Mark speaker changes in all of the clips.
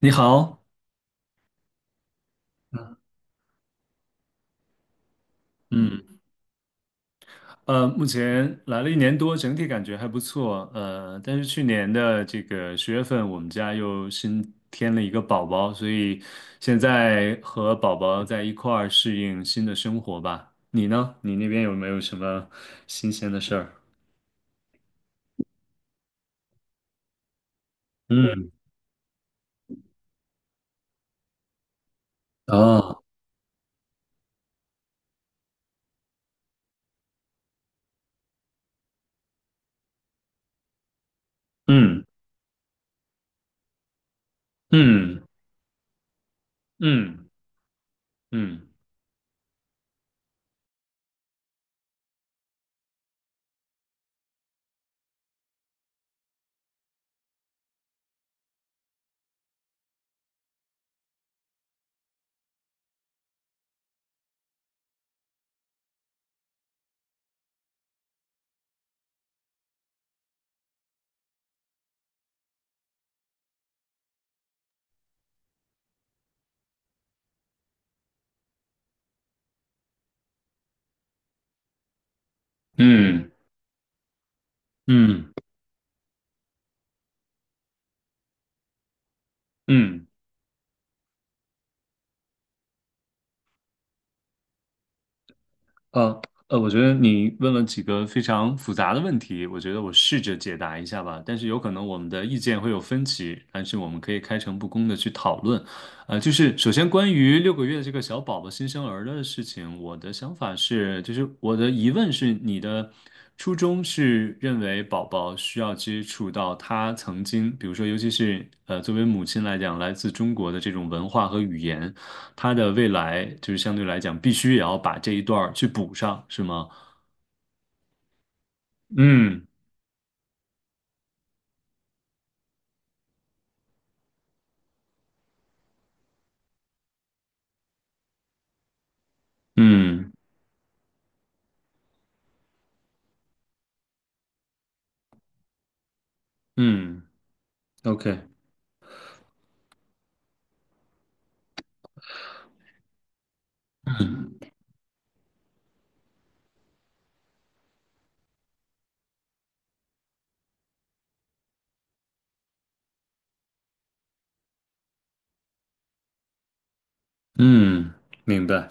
Speaker 1: 你好，嗯，目前来了1年多，整体感觉还不错，但是去年的这个10月份，我们家又新添了一个宝宝，所以现在和宝宝在一块儿适应新的生活吧。你呢？你那边有没有什么新鲜的事儿？嗯。哦。嗯嗯嗯嗯嗯嗯嗯嗯。呃我觉得你问了几个非常复杂的问题，我觉得我试着解答一下吧。但是有可能我们的意见会有分歧，但是我们可以开诚布公的去讨论。就是首先关于6个月的这个小宝宝新生儿的事情，我的想法是，就是我的疑问是，你的初衷是认为宝宝需要接触到他曾经，比如说，尤其是作为母亲来讲，来自中国的这种文化和语言。他的未来就是相对来讲，必须也要把这一段儿去补上，是吗？嗯嗯嗯，OK，嗯，明白。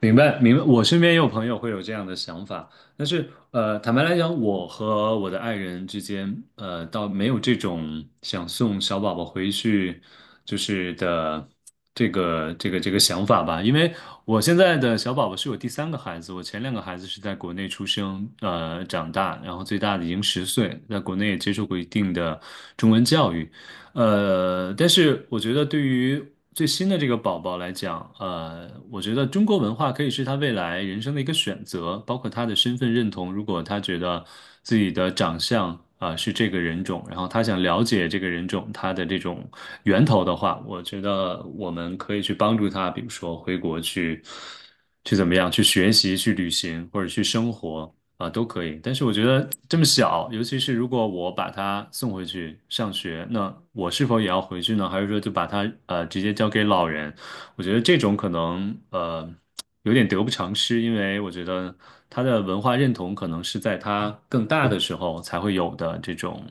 Speaker 1: 明白，明白。我身边也有朋友会有这样的想法，但是坦白来讲，我和我的爱人之间，倒没有这种想送小宝宝回去就是的这个想法吧。因为我现在的小宝宝是我第3个孩子，我前两个孩子是在国内出生，长大，然后最大的已经10岁，在国内也接受过一定的中文教育。但是我觉得对于最新的这个宝宝来讲，我觉得中国文化可以是他未来人生的一个选择，包括他的身份认同。如果他觉得自己的长相啊，是这个人种，然后他想了解这个人种他的这种源头的话，我觉得我们可以去帮助他，比如说回国去，去怎么样，去学习、去旅行或者去生活。啊，都可以。但是我觉得这么小，尤其是如果我把他送回去上学，那我是否也要回去呢？还是说就把他直接交给老人？我觉得这种可能有点得不偿失，因为我觉得他的文化认同可能是在他更大的时候才会有的这种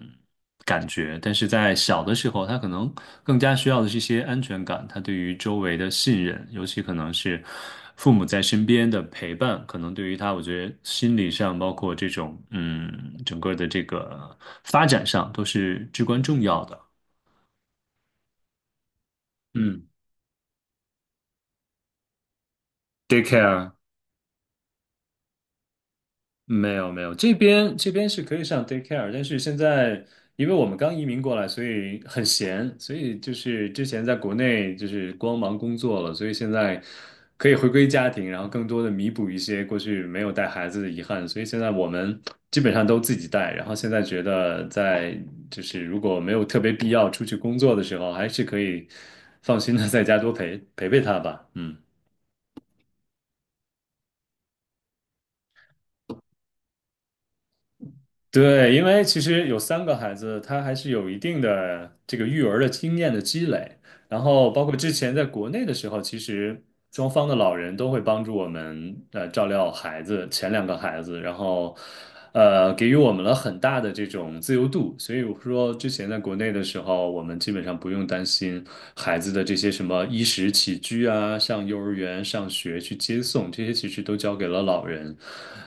Speaker 1: 感觉。但是在小的时候，他可能更加需要的是一些安全感，他对于周围的信任，尤其可能是父母在身边的陪伴，可能对于他，我觉得心理上，包括这种整个的这个发展上，都是至关重要的。嗯。 takecare。 没有没有，这边是可以上 daycare，但是现在因为我们刚移民过来，所以很闲，所以就是之前在国内就是光忙工作了，所以现在可以回归家庭，然后更多的弥补一些过去没有带孩子的遗憾，所以现在我们基本上都自己带，然后现在觉得在就是如果没有特别必要出去工作的时候，还是可以放心的在家多陪陪他吧，嗯。对，因为其实有三个孩子，他还是有一定的这个育儿的经验的积累。然后，包括之前在国内的时候，其实双方的老人都会帮助我们照料孩子，前两个孩子，然后给予我们了很大的这种自由度。所以我说，之前在国内的时候，我们基本上不用担心孩子的这些什么衣食起居啊，上幼儿园、上学去接送，这些其实都交给了老人。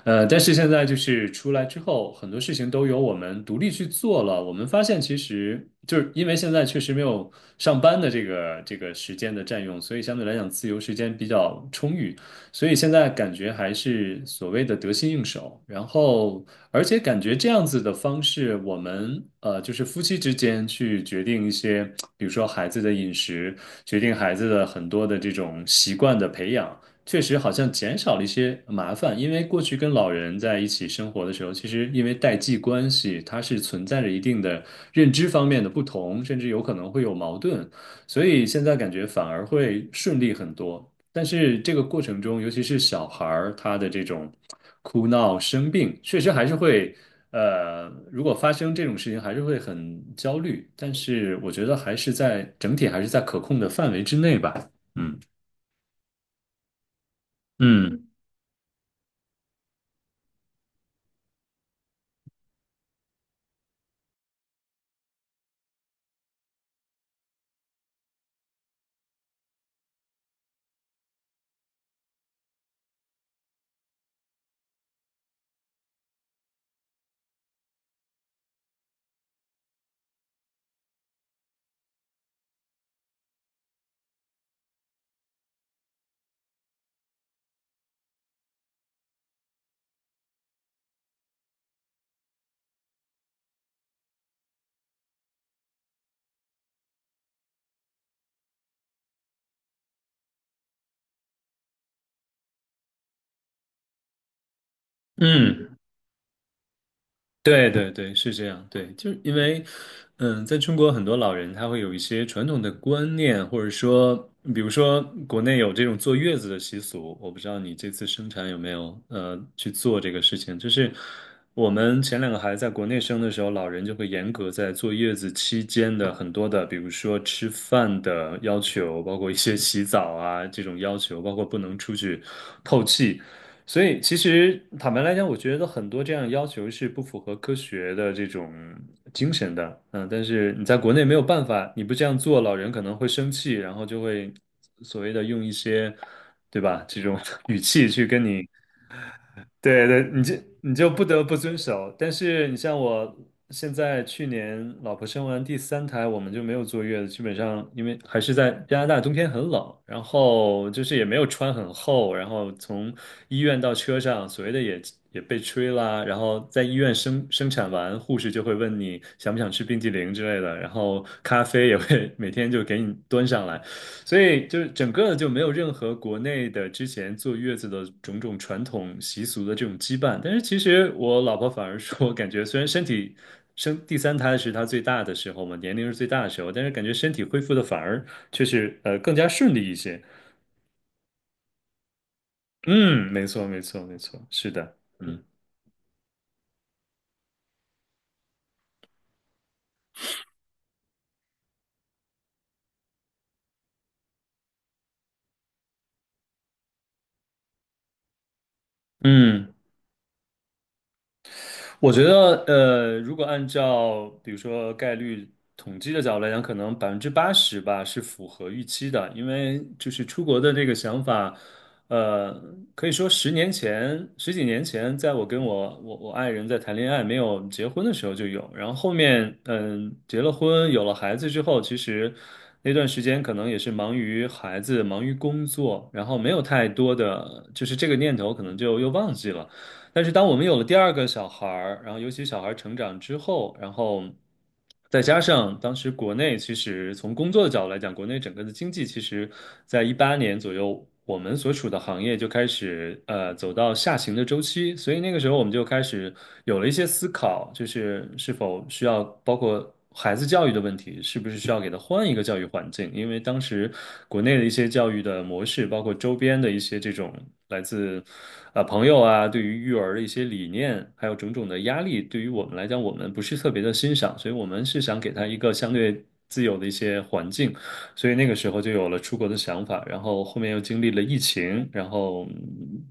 Speaker 1: 但是现在就是出来之后，很多事情都由我们独立去做了。我们发现，其实就是因为现在确实没有上班的这个时间的占用，所以相对来讲自由时间比较充裕。所以现在感觉还是所谓的得心应手。然后，而且感觉这样子的方式，我们就是夫妻之间去决定一些，比如说孩子的饮食，决定孩子的很多的这种习惯的培养。确实好像减少了一些麻烦，因为过去跟老人在一起生活的时候，其实因为代际关系，它是存在着一定的认知方面的不同，甚至有可能会有矛盾，所以现在感觉反而会顺利很多。但是这个过程中，尤其是小孩儿，他的这种哭闹、生病，确实还是会，如果发生这种事情，还是会很焦虑。但是我觉得还是在整体还是在可控的范围之内吧。嗯嗯嗯。对对对，是这样。对，就是因为，在中国很多老人他会有一些传统的观念，或者说，比如说国内有这种坐月子的习俗，我不知道你这次生产有没有去做这个事情。就是我们前两个孩子在国内生的时候，老人就会严格在坐月子期间的很多的，比如说吃饭的要求，包括一些洗澡啊这种要求，包括不能出去透气。所以，其实坦白来讲，我觉得很多这样的要求是不符合科学的这种精神的。嗯，但是你在国内没有办法，你不这样做，老人可能会生气，然后就会所谓的用一些，对吧？这种 语气去跟你对对，你就不得不遵守。但是你像我现在去年老婆生完第三胎，我们就没有坐月子，基本上因为还是在加拿大冬天很冷，然后就是也没有穿很厚，然后从医院到车上，所谓的也被吹啦，然后在医院生产完，护士就会问你想不想吃冰激凌之类的，然后咖啡也会 每天就给你端上来。所以就是整个就没有任何国内的之前坐月子的种种传统习俗的这种羁绊。但是其实我老婆反而说，感觉虽然身体生第三胎是她最大的时候嘛，年龄是最大的时候，但是感觉身体恢复的反而却是更加顺利一些。嗯，没错，没错，没错，是的，嗯嗯。我觉得，如果按照比如说概率统计的角度来讲，可能80%吧是符合预期的，因为就是出国的这个想法，呃，可以说10年前、十几年前，在我跟我爱人在谈恋爱没有结婚的时候就有，然后后面结了婚有了孩子之后，其实那段时间可能也是忙于孩子、忙于工作，然后没有太多的就是这个念头可能就又忘记了。但是当我们有了第2个小孩儿，然后尤其小孩儿成长之后，然后再加上当时国内其实从工作的角度来讲，国内整个的经济其实在2018年左右，我们所处的行业就开始走到下行的周期，所以那个时候我们就开始有了一些思考，就是是否需要包括。孩子教育的问题，是不是需要给他换一个教育环境？因为当时国内的一些教育的模式，包括周边的一些这种来自啊、朋友啊，对于育儿的一些理念，还有种种的压力，对于我们来讲，我们不是特别的欣赏，所以我们是想给他一个相对自由的一些环境，所以那个时候就有了出国的想法，然后后面又经历了疫情，然后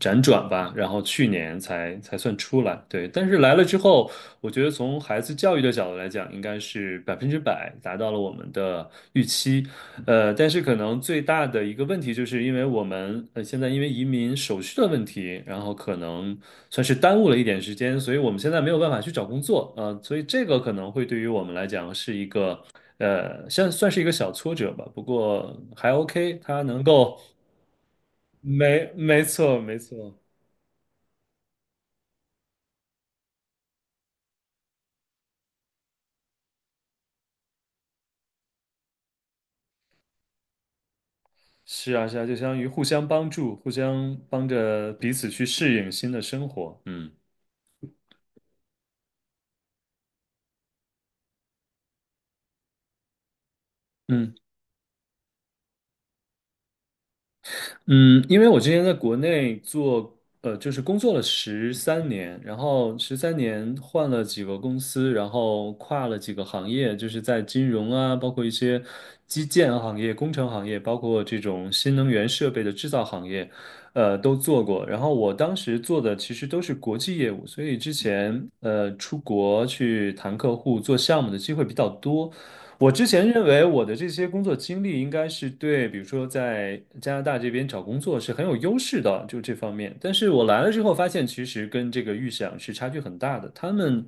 Speaker 1: 辗转吧，然后去年才算出来，对，但是来了之后。我觉得从孩子教育的角度来讲，应该是百分之百达到了我们的预期。但是可能最大的一个问题，就是因为我们现在因为移民手续的问题，然后可能算是耽误了一点时间，所以我们现在没有办法去找工作。啊，所以这个可能会对于我们来讲是一个算是一个小挫折吧。不过还 OK,他能够没错没错是啊，是啊，就相当于互相帮助，互相帮着彼此去适应新的生活。嗯嗯。嗯，因为我之前在国内做，就是工作了十三年，然后十三年换了几个公司，然后跨了几个行业，就是在金融啊，包括一些基建行业、工程行业，包括这种新能源设备的制造行业，都做过。然后我当时做的其实都是国际业务，所以之前出国去谈客户、做项目的机会比较多。我之前认为我的这些工作经历应该是对，比如说在加拿大这边找工作是很有优势的，就这方面。但是我来了之后发现，其实跟这个预想是差距很大的。他们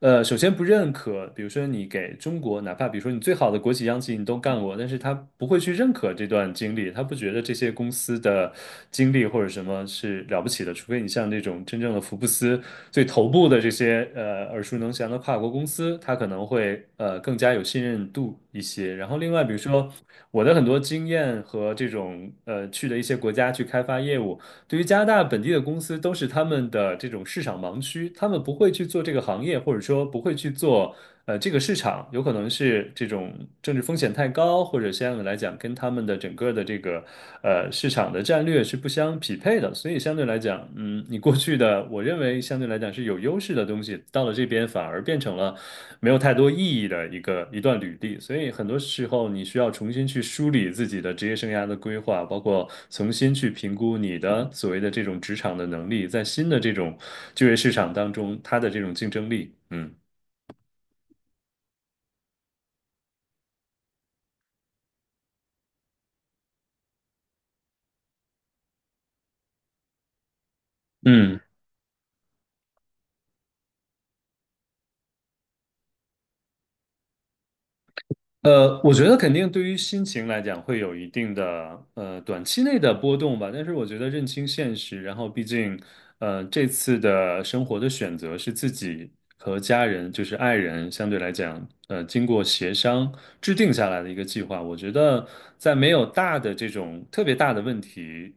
Speaker 1: 首先不认可，比如说你给中国，哪怕比如说你最好的国企、央企你都干过，但是他不会去认可这段经历，他不觉得这些公司的经历或者什么是了不起的，除非你像那种真正的福布斯最头部的这些耳熟能详的跨国公司，他可能会更加有信任度一些。然后另外，比如说我的很多经验和这种去的一些国家去开发业务。对于加拿大本地的公司，都是他们的这种市场盲区，他们不会去做这个行业，或者说不会去做这个市场有可能是这种政治风险太高，或者相对来讲跟他们的整个的这个市场的战略是不相匹配的，所以相对来讲，你过去的我认为相对来讲是有优势的东西，到了这边反而变成了没有太多意义的一段履历，所以很多时候你需要重新去梳理自己的职业生涯的规划，包括重新去评估你的所谓的这种职场的能力，在新的这种就业市场当中，它的这种竞争力，嗯。嗯我觉得肯定对于心情来讲会有一定的短期内的波动吧，但是我觉得认清现实，然后毕竟这次的生活的选择是自己和家人，就是爱人，相对来讲经过协商制定下来的一个计划，我觉得在没有大的这种特别大的问题。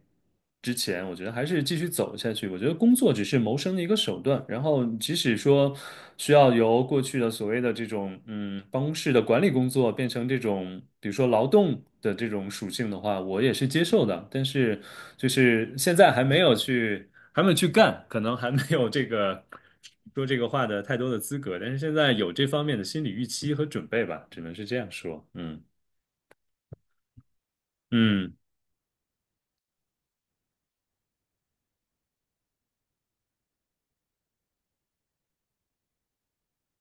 Speaker 1: 之前，我觉得还是继续走下去。我觉得工作只是谋生的一个手段，然后即使说需要由过去的所谓的这种办公室的管理工作变成这种比如说劳动的这种属性的话，我也是接受的。但是就是现在还没有去干，可能还没有这个说这个话的太多的资格，但是现在有这方面的心理预期和准备吧，只能是这样说。嗯嗯。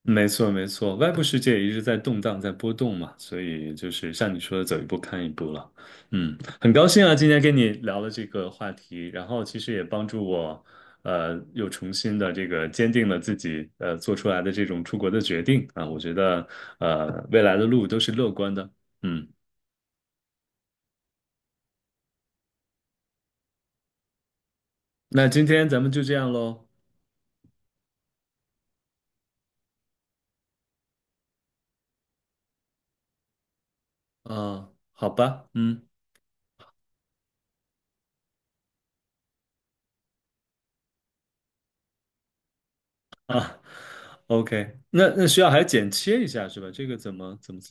Speaker 1: 没错，没错，外部世界也一直在动荡，在波动嘛，所以就是像你说的，走一步看一步了。嗯，很高兴啊，今天跟你聊了这个话题，然后其实也帮助我，又重新的这个坚定了自己，做出来的这种出国的决定啊。我觉得，未来的路都是乐观的。嗯，那今天咱们就这样喽。啊，好吧，啊，OK,那需要还剪切一下是吧？这个怎么？